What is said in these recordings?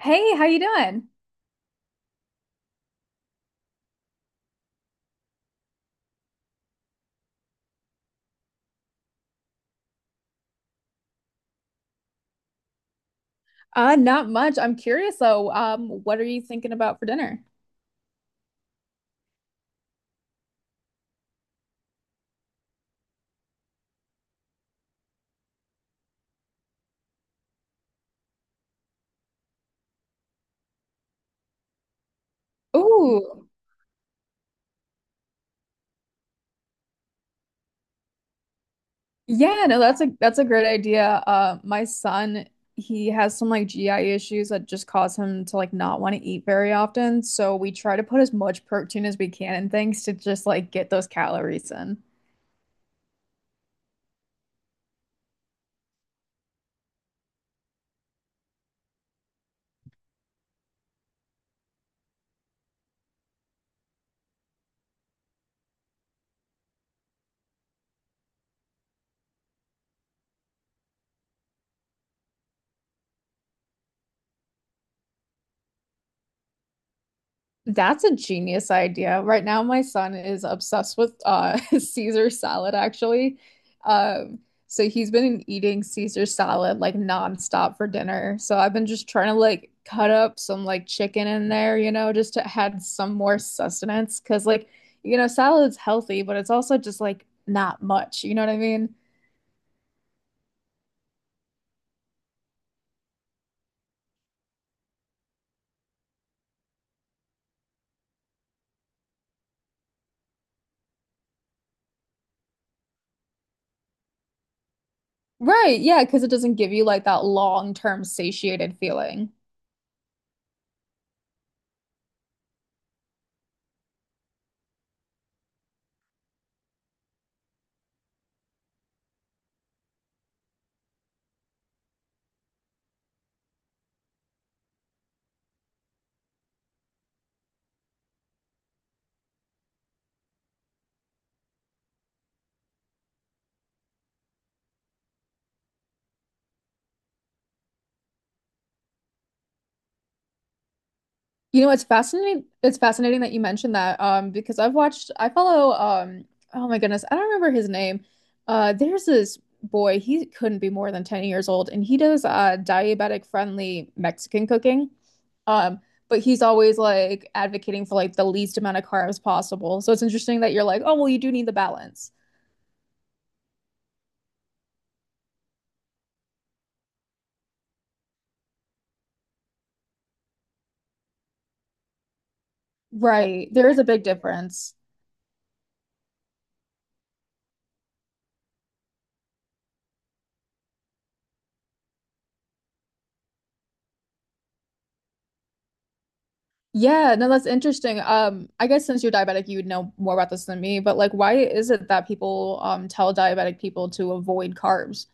Hey, how you doing? Not much. I'm curious though. What are you thinking about for dinner? Ooh. Yeah, no, that's a great idea. My son, he has some like GI issues that just cause him to like not want to eat very often. So we try to put as much protein as we can in things to just like get those calories in. That's a genius idea. Right now, my son is obsessed with Caesar salad, actually. Um, so he's been eating Caesar salad like nonstop for dinner. So I've been just trying to like cut up some like chicken in there, you know, just to add some more sustenance. Cause like, salad's healthy, but it's also just like not much. You know what I mean? Right. Yeah. Cause it doesn't give you like that long-term satiated feeling. You know, it's fascinating. It's fascinating that you mentioned that, because I've watched, I follow, oh my goodness, I don't remember his name. There's this boy, he couldn't be more than 10 years old, and he does diabetic friendly Mexican cooking. Um, but he's always like advocating for like the least amount of carbs possible. So it's interesting that you're like, oh, well, you do need the balance. Right. There is a big difference. Yeah, no, that's interesting. I guess since you're diabetic, you would know more about this than me, but like, why is it that people tell diabetic people to avoid carbs?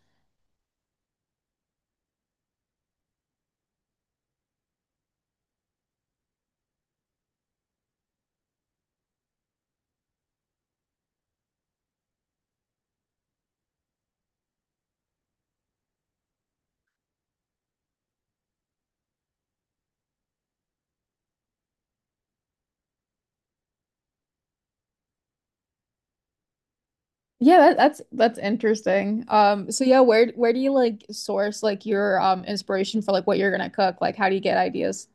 Yeah, that's interesting. So yeah, where do you like source like your inspiration for like what you're gonna cook? Like, how do you get ideas?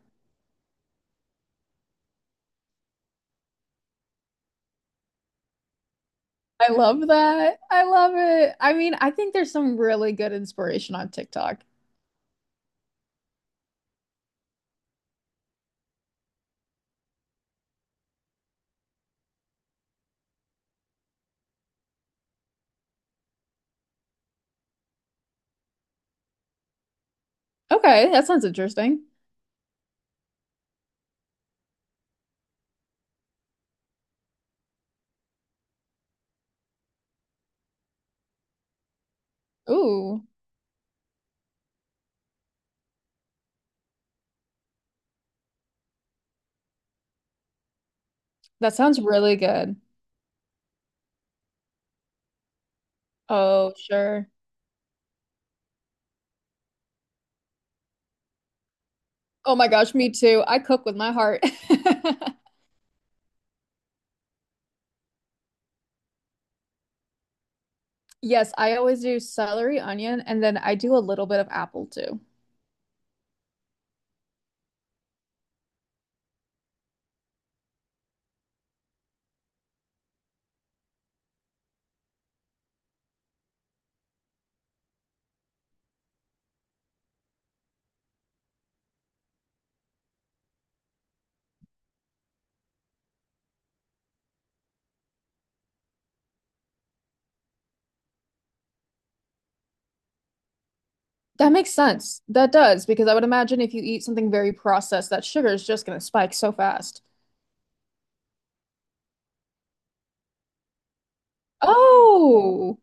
I love that. I love it. I mean, I think there's some really good inspiration on TikTok. Okay, that sounds interesting. Ooh, that sounds really good. Oh, sure. Oh my gosh, me too. I cook with my heart. Yes, I always do celery, onion, and then I do a little bit of apple too. That makes sense. That does, because I would imagine if you eat something very processed, that sugar is just going to spike so fast. Oh.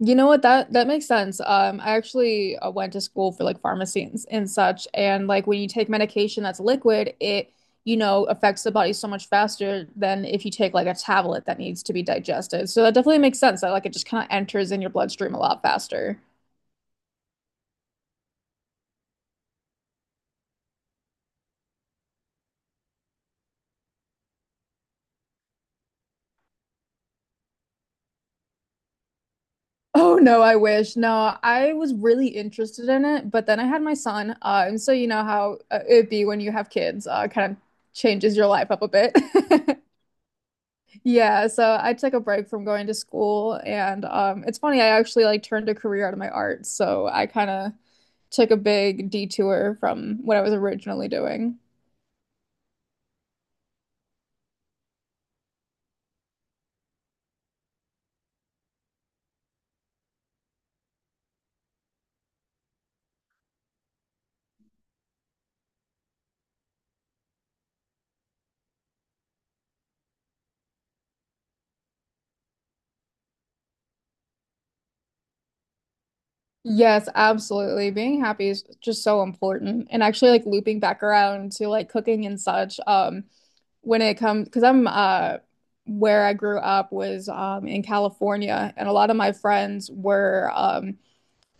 You know what? That makes sense. I actually went to school for like pharmacy and such, and like when you take medication that's liquid, it you know affects the body so much faster than if you take like a tablet that needs to be digested. So that definitely makes sense that like it just kind of enters in your bloodstream a lot faster. Oh no, I wish. No, I was really interested in it, but then I had my son. And so you know how it'd be when you have kids, kind of changes your life up a bit. Yeah, so I took a break from going to school, and it's funny, I actually like turned a career out of my art, so I kind of took a big detour from what I was originally doing. Yes, absolutely. Being happy is just so important. And actually like looping back around to like cooking and such, when it comes because I'm where I grew up was in California and a lot of my friends were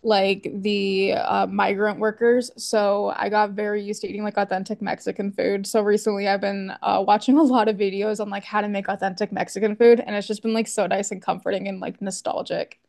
like the migrant workers. So I got very used to eating like authentic Mexican food. So recently I've been watching a lot of videos on like how to make authentic Mexican food, and it's just been like so nice and comforting and like nostalgic.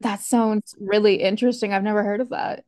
That sounds really interesting. I've never heard of that.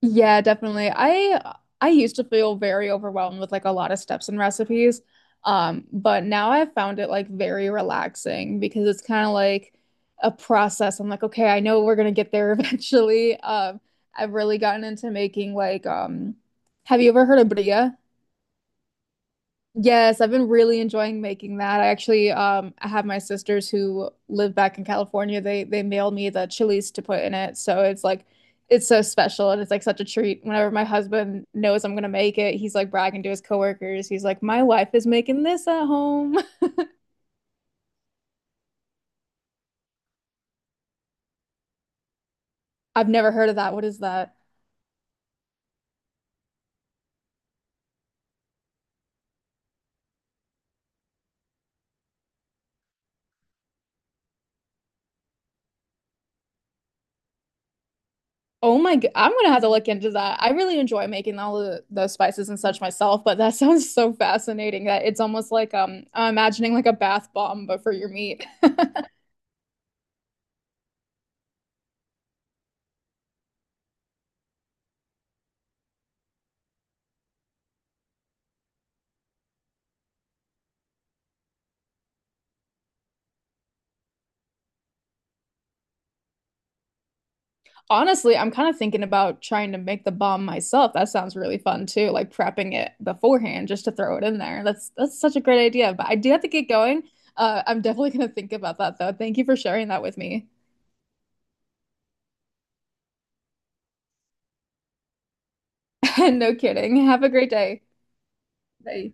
Yeah, definitely. I used to feel very overwhelmed with like a lot of steps and recipes. But now I've found it like very relaxing because it's kind of like a process. I'm like, okay, I know we're gonna get there eventually. I've really gotten into making like have you ever heard of bria? Yes, I've been really enjoying making that. I actually I have my sisters who live back in California. They mailed me the chilies to put in it. So it's like it's so special and it's like such a treat. Whenever my husband knows I'm gonna make it, he's like bragging to his coworkers. He's like, "My wife is making this at home." I've never heard of that. What is that? Oh my God, I'm gonna have to look into that. I really enjoy making all the spices and such myself, but that sounds so fascinating that it's almost like I'm imagining like a bath bomb but for your meat. Honestly, I'm kind of thinking about trying to make the bomb myself. That sounds really fun too, like prepping it beforehand just to throw it in there. That's such a great idea, but I do have to get going. I'm definitely gonna think about that though. Thank you for sharing that with me. No kidding. Have a great day. Bye.